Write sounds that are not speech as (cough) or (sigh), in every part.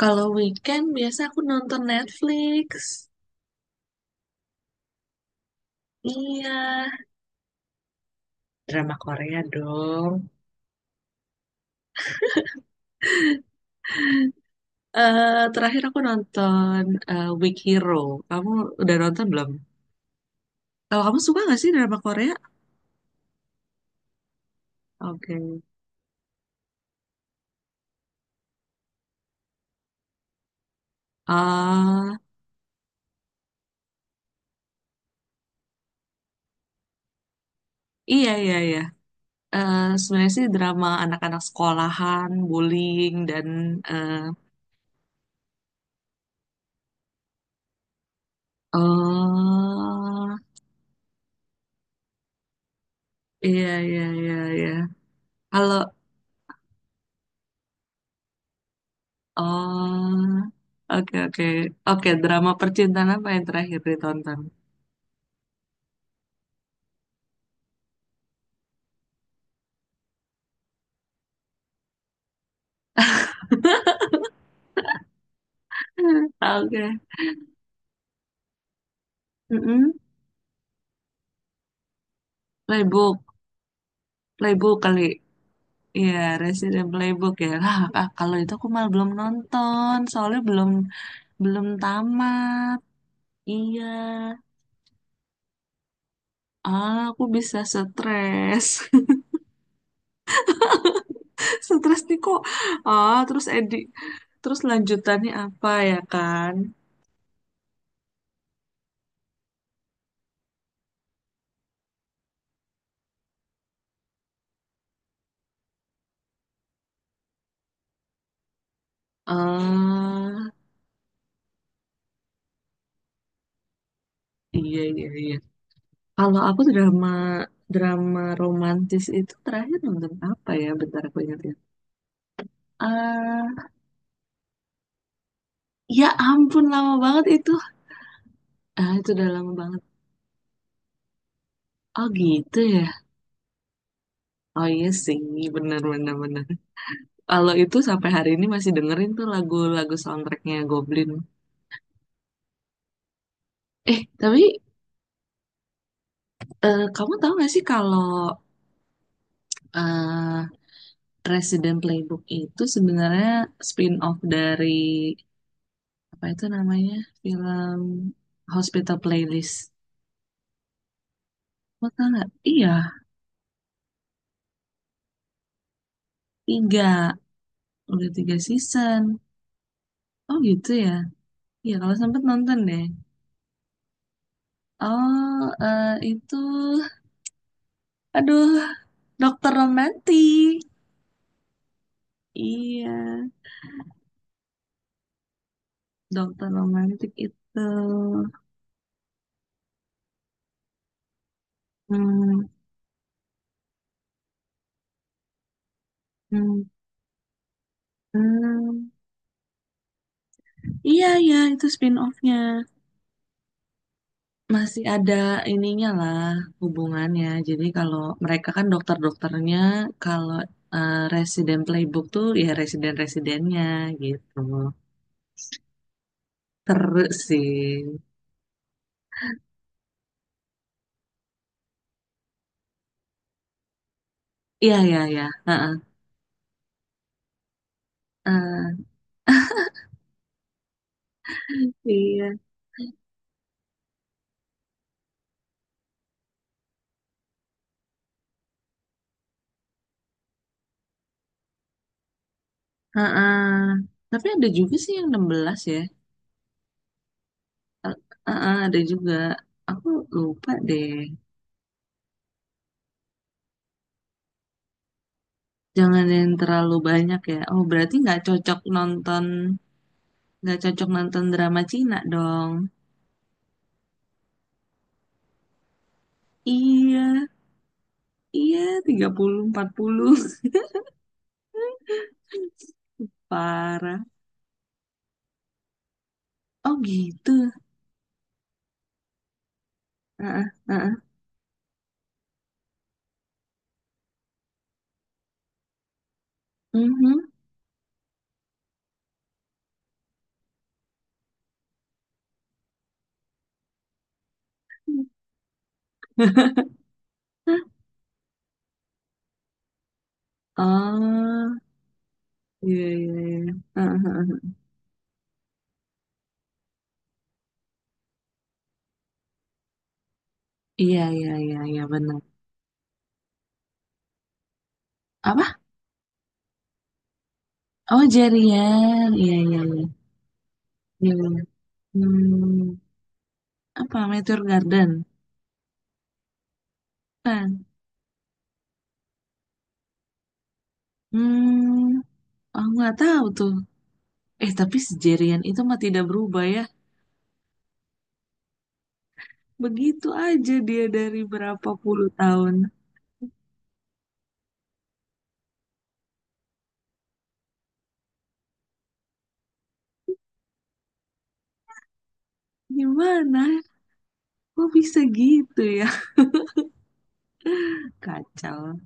Kalau weekend biasa aku nonton Netflix. Iya, drama Korea dong. Eh Terakhir aku nonton Weak Hero. Kamu udah nonton belum? Kalau kamu suka gak sih drama Korea? Oke. Ah, iya iya iya. Sebenarnya sih drama anak-anak sekolahan, bullying dan eh eh, iya iya iya iya. Halo. Oh, oke oke. Oke, drama percintaan apa yang terakhir ditonton? (laughs) Oke. Mm-mm. Playbook, Playbook kali. Iya, Resident Playbook ya. Lah, ah, kalau itu aku malah belum nonton, soalnya belum belum tamat. Iya. Ah, aku bisa stres. (laughs) Stres nih kok. Ah, terus Edi, terus lanjutannya apa ya kan? Ah, iya iya iya. Kalau aku drama drama romantis itu terakhir nonton apa ya? Bentar aku ingat ya. Eh, ya ampun lama banget itu. Ah, itu udah lama banget. Oh gitu ya. Oh iya sih, bener bener bener. Kalau itu sampai hari ini masih dengerin tuh lagu-lagu soundtracknya Goblin. Eh tapi kamu tahu gak sih kalau eh Resident Playbook itu sebenarnya spin-off dari apa itu namanya film Hospital Playlist. Kota nggak? Iya, tiga. Udah tiga season. Oh gitu ya. Iya, kalau sempet nonton deh. Oh, eh, itu... Aduh, Dokter Romantik. Iya, Dokter Romantik itu. Hmm, hmm, hmm. Iya, iya, itu spin-off-nya. Masih ada ininya lah, hubungannya. Jadi kalau mereka kan dokter-dokternya, kalau Resident Playbook tuh ya residen-residennya gitu. Seru sih. Iya, iya, iya. Heeh. Eh, iya. Heeh. Tapi ada juga sih yang 16 ya. Eh, heeh, ada juga. Aku lupa deh. Jangan yang terlalu banyak ya. Oh, berarti nggak cocok nonton drama Cina dong. Iya, iya, 30 40. (laughs) Parah. Oh, gitu. Heeh, heeh. Mhm. (laughs) Oh, iya, iya, iya. Heeh, heeh. Iya, iya, iya, iya, benar. Apa? Oh, Jerian. Iya, iya, iya. Iya, iya. Hmm, apa? Meteor Garden? Kan? Hmm, aku nggak tahu tuh. Eh, tapi si Jerian itu mah tidak berubah ya. Begitu aja dia dari berapa puluh tahun. Gimana? Kok bisa gitu ya? (laughs) Kacau.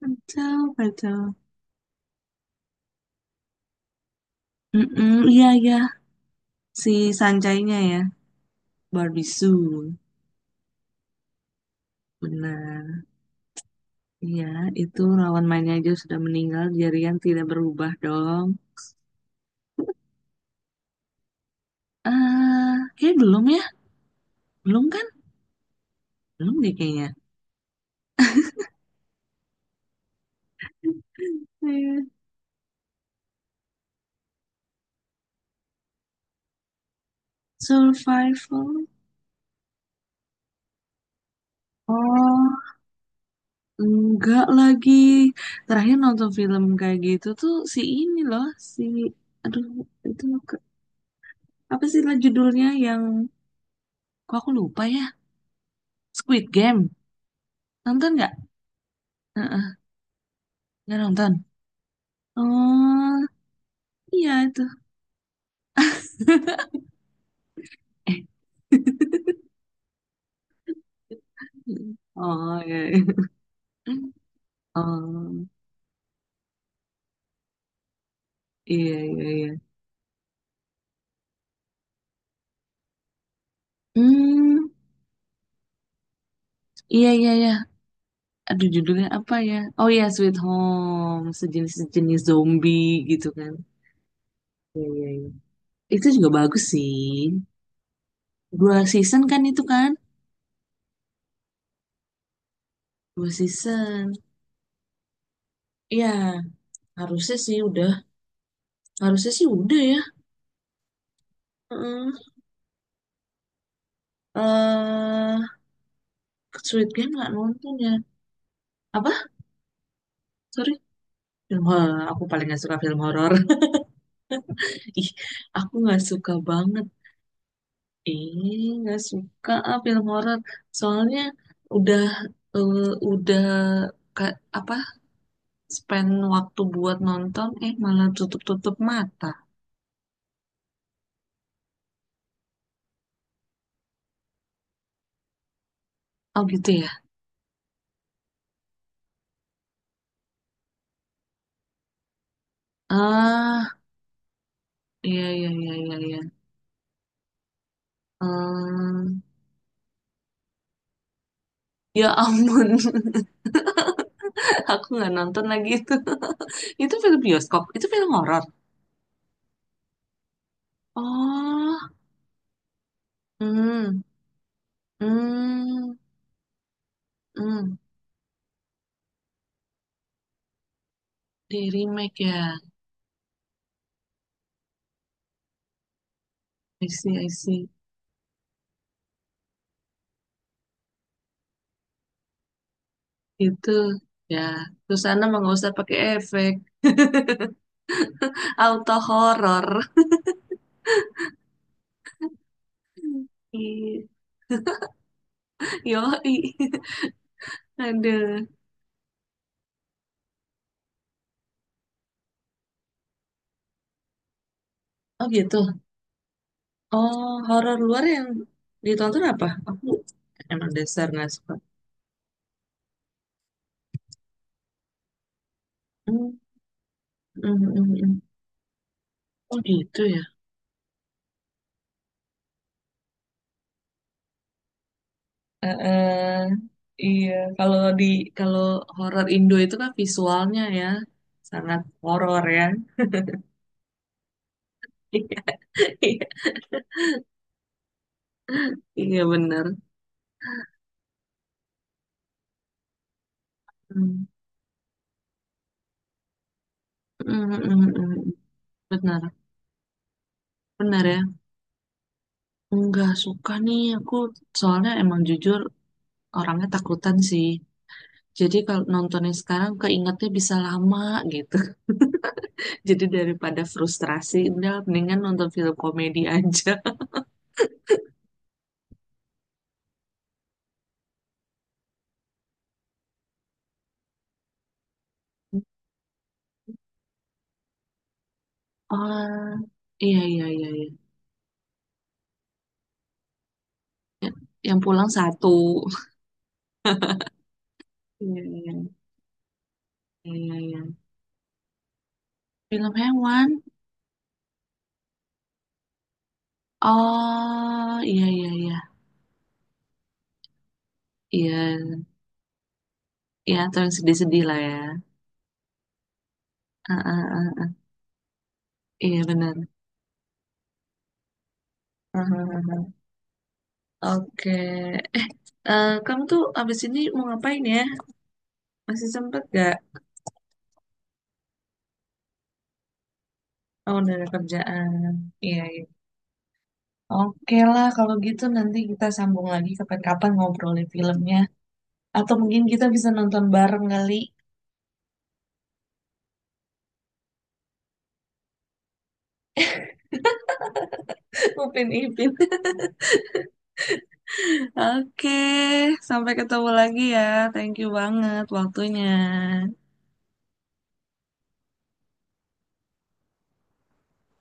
Kacau, kacau. Mm-mm, iya, iya. Si Sancainya ya. Barbie Sue. Benar. Iya, itu lawan mainnya aja sudah meninggal, jaringan tidak berubah dong. Eh, kayak belum ya? Belum kan? Belum deh kayaknya. Eh, survival? Oh, enggak lagi. Terakhir nonton film kayak gitu tuh si ini loh, si aduh itu ke- apa sih lah judulnya yang kok aku lupa ya? Squid Game. Nonton nggak? Heeh, nggak nonton. Oh, iya itu. (laughs) Eh, oh iya, iya. Oh. Iya, iya, iya. Hmm, iya, iya, iya. Aduh, judulnya apa ya? Oh iya, Sweet Home. Sejenis-sejenis zombie gitu kan. Iya, iya. Itu juga bagus sih. Dua season kan itu kan? Dua season. Iya, harusnya sih udah. Harusnya sih udah ya. Heeh. Eh, Sweet Game nggak nonton ya? Apa? Sorry. Film horor. Aku paling nggak suka film horor. (laughs) Ih, aku nggak suka banget. Ih, nggak suka ah film horor. Soalnya udah eh, udah ka- apa spend waktu buat nonton malah tutup-tutup mata. Oh gitu ya. Ah, iya iya iya iya iya. Eh, ya ampun, (laughs) aku nggak nonton lagi itu. (laughs) Itu film bioskop, itu film horor. Oh, hmm, hmm, hmm. Di remake ya. I see, I see. Itu ya, Susana mah nggak usah pakai efek. (laughs) Auto horor. Yoi. (laughs) Ada. Oh gitu. Oh, horor luar yang ditonton apa? Aku emang dasar nggak suka. Hmm, hmm, hmm, hmm. Oh gitu ya. Eh, eh, iya, kalau di kalau horor Indo itu kan visualnya ya sangat horor ya. (laughs) Iya, iya benar. Hmm, hmm, hmm, hmm. Benar, benar ya. Nggak suka nih aku soalnya emang jujur orangnya takutan sih. Jadi kalau nontonnya sekarang keingetnya bisa lama gitu. (laughs) Jadi daripada frustrasi, udah mendingan nonton film komedi aja. (laughs) Oh, iya iya iya iya. Yang pulang satu. (laughs) Iya iya iya iya, iya. Film hewan. Oh, iya iya iya. Iya, iya atau yang sedih-sedih lah ya. Ah, ah, ah. Iya benar. Ah, ah, ah. Oke. Eh, eh, kamu tuh abis ini mau ngapain ya? Masih sempet gak? Oh, udah ada kerjaan. Iya, iya. Oke lah, kalau gitu nanti kita sambung lagi kapan-kapan ngobrolin filmnya. Atau mungkin kita bisa nonton bareng kali. (laughs) Upin Ipin. Oke, sampai ketemu lagi ya. Thank you banget waktunya.